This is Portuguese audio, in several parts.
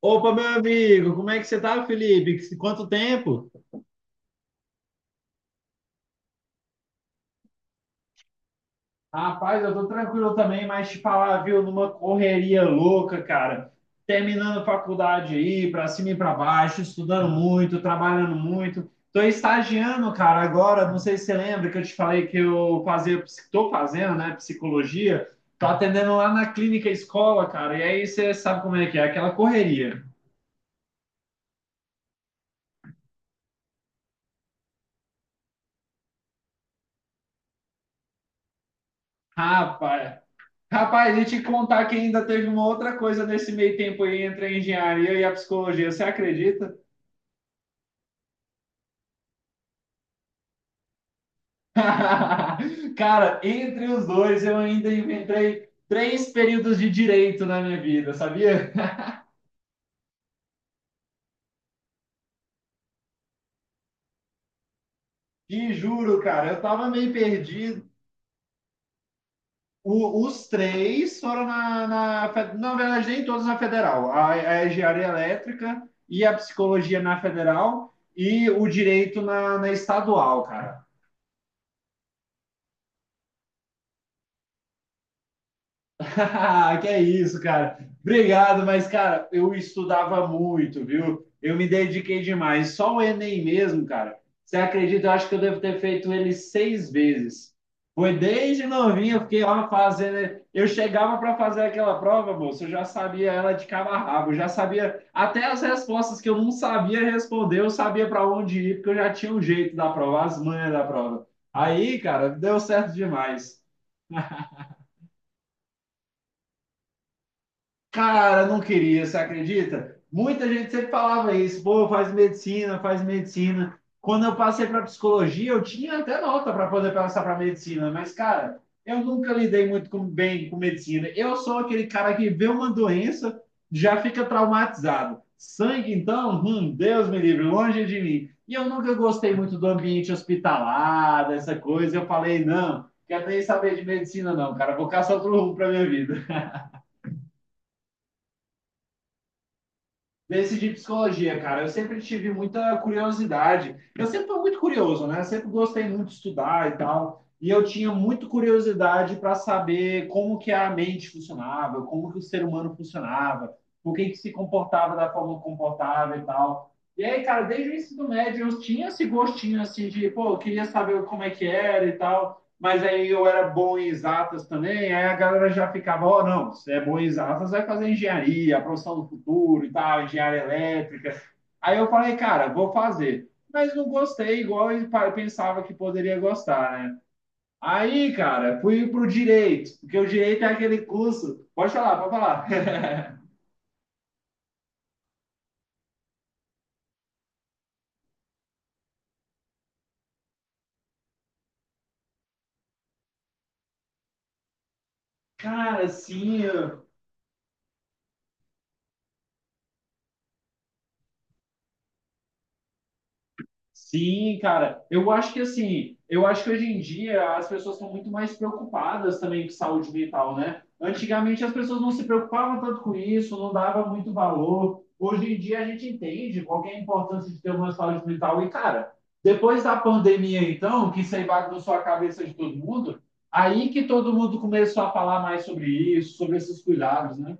Opa, meu amigo, como é que você tá, Felipe? Quanto tempo? Rapaz, eu tô tranquilo também, mas te falar, viu, numa correria louca, cara. Terminando faculdade aí, pra cima e pra baixo, estudando muito, trabalhando muito. Tô estagiando, cara, agora, não sei se você lembra que eu te falei que eu fazia, tô fazendo, né, psicologia. Tô atendendo lá na clínica escola, cara, e aí você sabe como é que é, aquela correria. Rapaz. Rapaz, e te contar que ainda teve uma outra coisa nesse meio tempo aí entre a engenharia e a psicologia, você acredita? Cara, entre os dois eu ainda inventei três períodos de direito na minha vida, sabia? Te juro, cara, eu tava meio perdido. Os três foram na verdade, nem todos na federal. A engenharia elétrica e a psicologia na federal e o direito na estadual, cara. Que é isso, cara. Obrigado, mas, cara, eu estudava muito, viu? Eu me dediquei demais. Só o Enem mesmo, cara. Você acredita? Eu acho que eu devo ter feito ele seis vezes. Foi desde novinho, eu fiquei lá fazendo. Eu chegava para fazer aquela prova, moço, eu já sabia ela de cabo a rabo, eu já sabia até as respostas que eu não sabia responder, eu sabia para onde ir, porque eu já tinha o jeito da prova, as manhas da prova. Aí, cara, deu certo demais. Cara, não queria, você acredita? Muita gente sempre falava isso, pô, faz medicina, faz medicina. Quando eu passei para psicologia, eu tinha até nota para poder passar para medicina, mas, cara, eu nunca lidei muito com, bem com medicina. Eu sou aquele cara que vê uma doença, já fica traumatizado. Sangue, então, Deus me livre, longe de mim. E eu nunca gostei muito do ambiente hospitalar, dessa coisa. Eu falei, não, quero nem saber de medicina, não, cara, vou caçar outro rumo para minha vida. Desse de psicologia, cara. Eu sempre tive muita curiosidade. Eu sempre fui muito curioso, né? Sempre gostei muito de estudar e tal. E eu tinha muito curiosidade para saber como que a mente funcionava, como que o ser humano funcionava, por que que se comportava da forma que comportava e tal. E aí, cara, desde o ensino médio eu tinha esse gostinho assim de, pô, eu queria saber como é que era e tal, mas aí eu era bom em exatas também, aí a galera já ficava, ó, oh, não, você é bom em exatas, vai fazer engenharia, a profissão do futuro e tal, engenharia elétrica. Aí eu falei, cara, vou fazer. Mas não gostei, igual eu pensava que poderia gostar, né? Aí, cara, fui pro direito, porque o direito é aquele curso. Pode falar, pode falar. Cara, sim. Sim, cara, eu acho que assim, eu acho que hoje em dia as pessoas estão muito mais preocupadas também com saúde mental, né? Antigamente as pessoas não se preocupavam tanto com isso, não dava muito valor. Hoje em dia a gente entende qual que é a importância de ter uma saúde mental. E, cara, depois da pandemia, então, que isso aí bagunçou a cabeça de todo mundo, aí que todo mundo começou a falar mais sobre isso, sobre esses cuidados, né?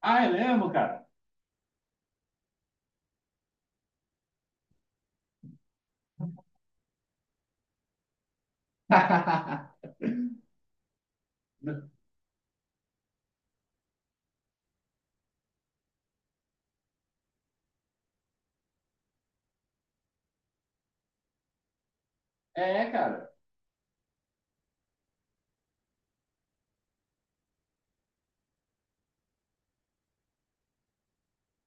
Ah, é mesmo, cara? É, cara.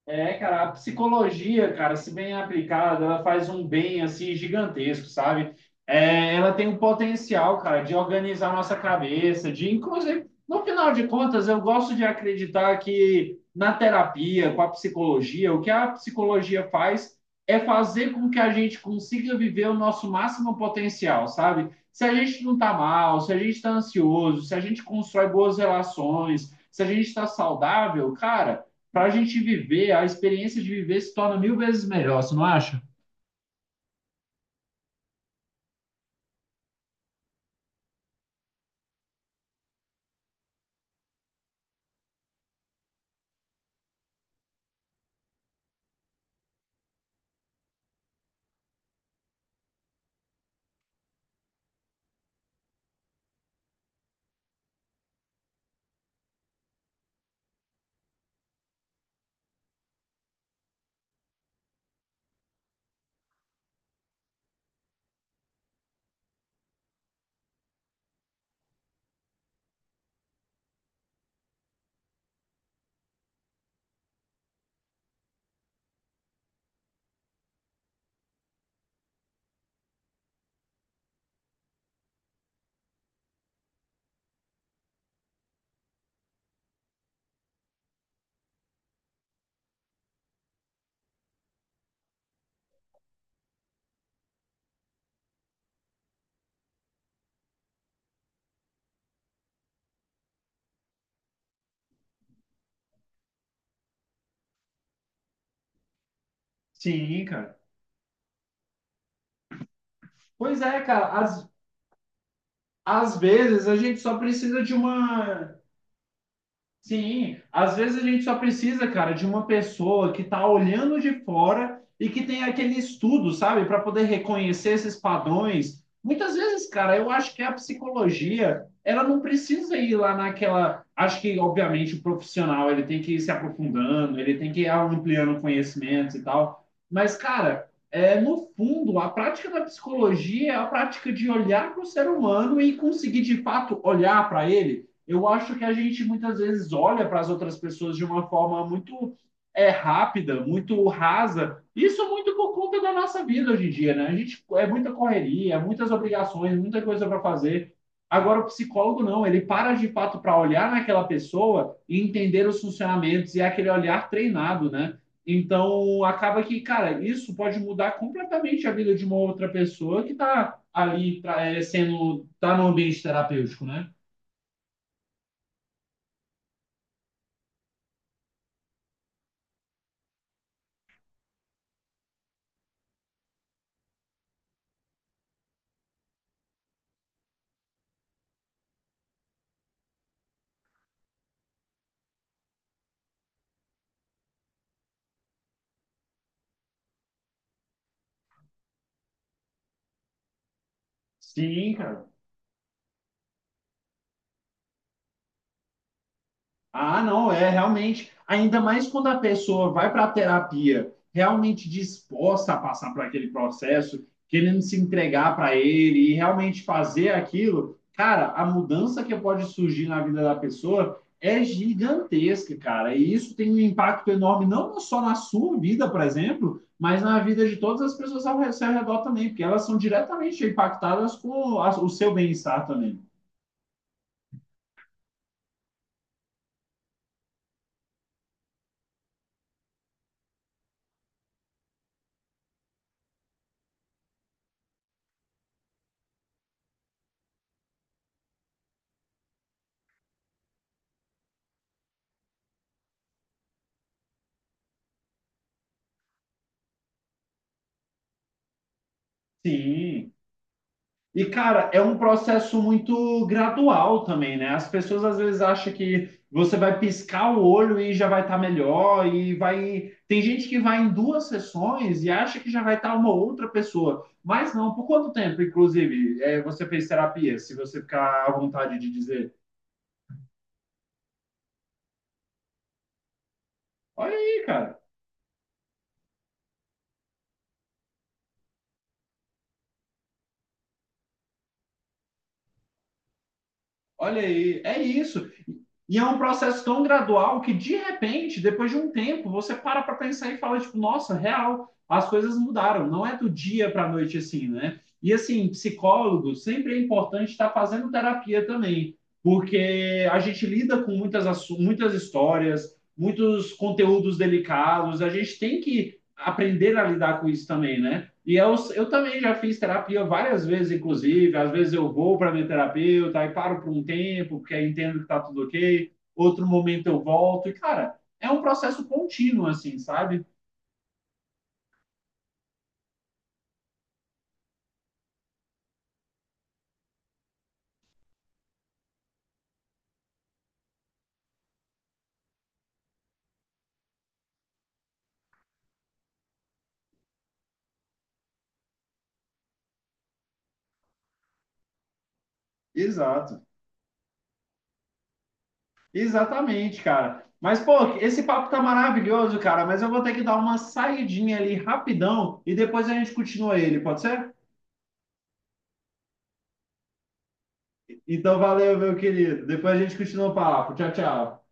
É, cara, a psicologia, cara, se bem aplicada, ela faz um bem assim gigantesco, sabe? É, ela tem um potencial, cara, de organizar nossa cabeça, de inclusive, no final de contas, eu gosto de acreditar que na terapia, com a psicologia, o que a psicologia faz é fazer com que a gente consiga viver o nosso máximo potencial, sabe? Se a gente não tá mal, se a gente tá ansioso, se a gente constrói boas relações, se a gente tá saudável, cara, para a gente viver, a experiência de viver se torna mil vezes melhor, você não acha? Sim, cara. Pois é, cara. Às vezes a gente só precisa de uma. Sim, às vezes a gente só precisa, cara, de uma pessoa que tá olhando de fora e que tem aquele estudo, sabe, para poder reconhecer esses padrões. Muitas vezes, cara, eu acho que a psicologia, ela não precisa ir lá naquela. Acho que, obviamente, o profissional, ele tem que ir se aprofundando, ele tem que ir ampliando conhecimentos e tal. Mas, cara, é, no fundo, a prática da psicologia é a prática de olhar para o ser humano e conseguir, de fato, olhar para ele. Eu acho que a gente muitas vezes olha para as outras pessoas de uma forma muito, é, rápida, muito rasa. Isso muito por conta da nossa vida hoje em dia, né? A gente é muita correria, é muitas obrigações, muita coisa para fazer. Agora o psicólogo não, ele para de fato para olhar naquela pessoa e entender os funcionamentos e é aquele olhar treinado, né? Então acaba que, cara, isso pode mudar completamente a vida de uma outra pessoa que está ali sendo tá no ambiente terapêutico, né? Sim, cara. Ah, não, é realmente, ainda mais quando a pessoa vai para a terapia realmente disposta a passar por aquele processo, querendo se entregar para ele e realmente fazer aquilo, cara, a mudança que pode surgir na vida da pessoa é gigantesca, cara. E isso tem um impacto enorme, não só na sua vida, por exemplo, mas na vida de todas as pessoas ao seu redor também, porque elas são diretamente impactadas com o seu bem-estar também. Sim. E, cara, é um processo muito gradual também, né? As pessoas às vezes acham que você vai piscar o olho e já vai estar melhor, e vai. Tem gente que vai em duas sessões e acha que já vai estar uma outra pessoa. Mas não, por quanto tempo, inclusive, é, você fez terapia? Se você ficar à vontade de dizer. Olha aí, cara. Olha aí, é isso. E é um processo tão gradual que, de repente, depois de um tempo, você para para pensar e fala, tipo, nossa, real, as coisas mudaram. Não é do dia para a noite assim, né? E, assim, psicólogo, sempre é importante estar fazendo terapia também, porque a gente lida com muitas, muitas histórias, muitos conteúdos delicados, a gente tem que aprender a lidar com isso também, né? E eu também já fiz terapia várias vezes, inclusive. Às vezes eu vou para minha terapeuta, e paro por um tempo, porque aí entendo que está tudo ok. Outro momento eu volto. E, cara, é um processo contínuo, assim, sabe? Exato. Exatamente, cara. Mas, pô, esse papo tá maravilhoso, cara. Mas eu vou ter que dar uma saidinha ali rapidão e depois a gente continua ele, pode ser? Então, valeu, meu querido. Depois a gente continua o papo. Tchau, tchau.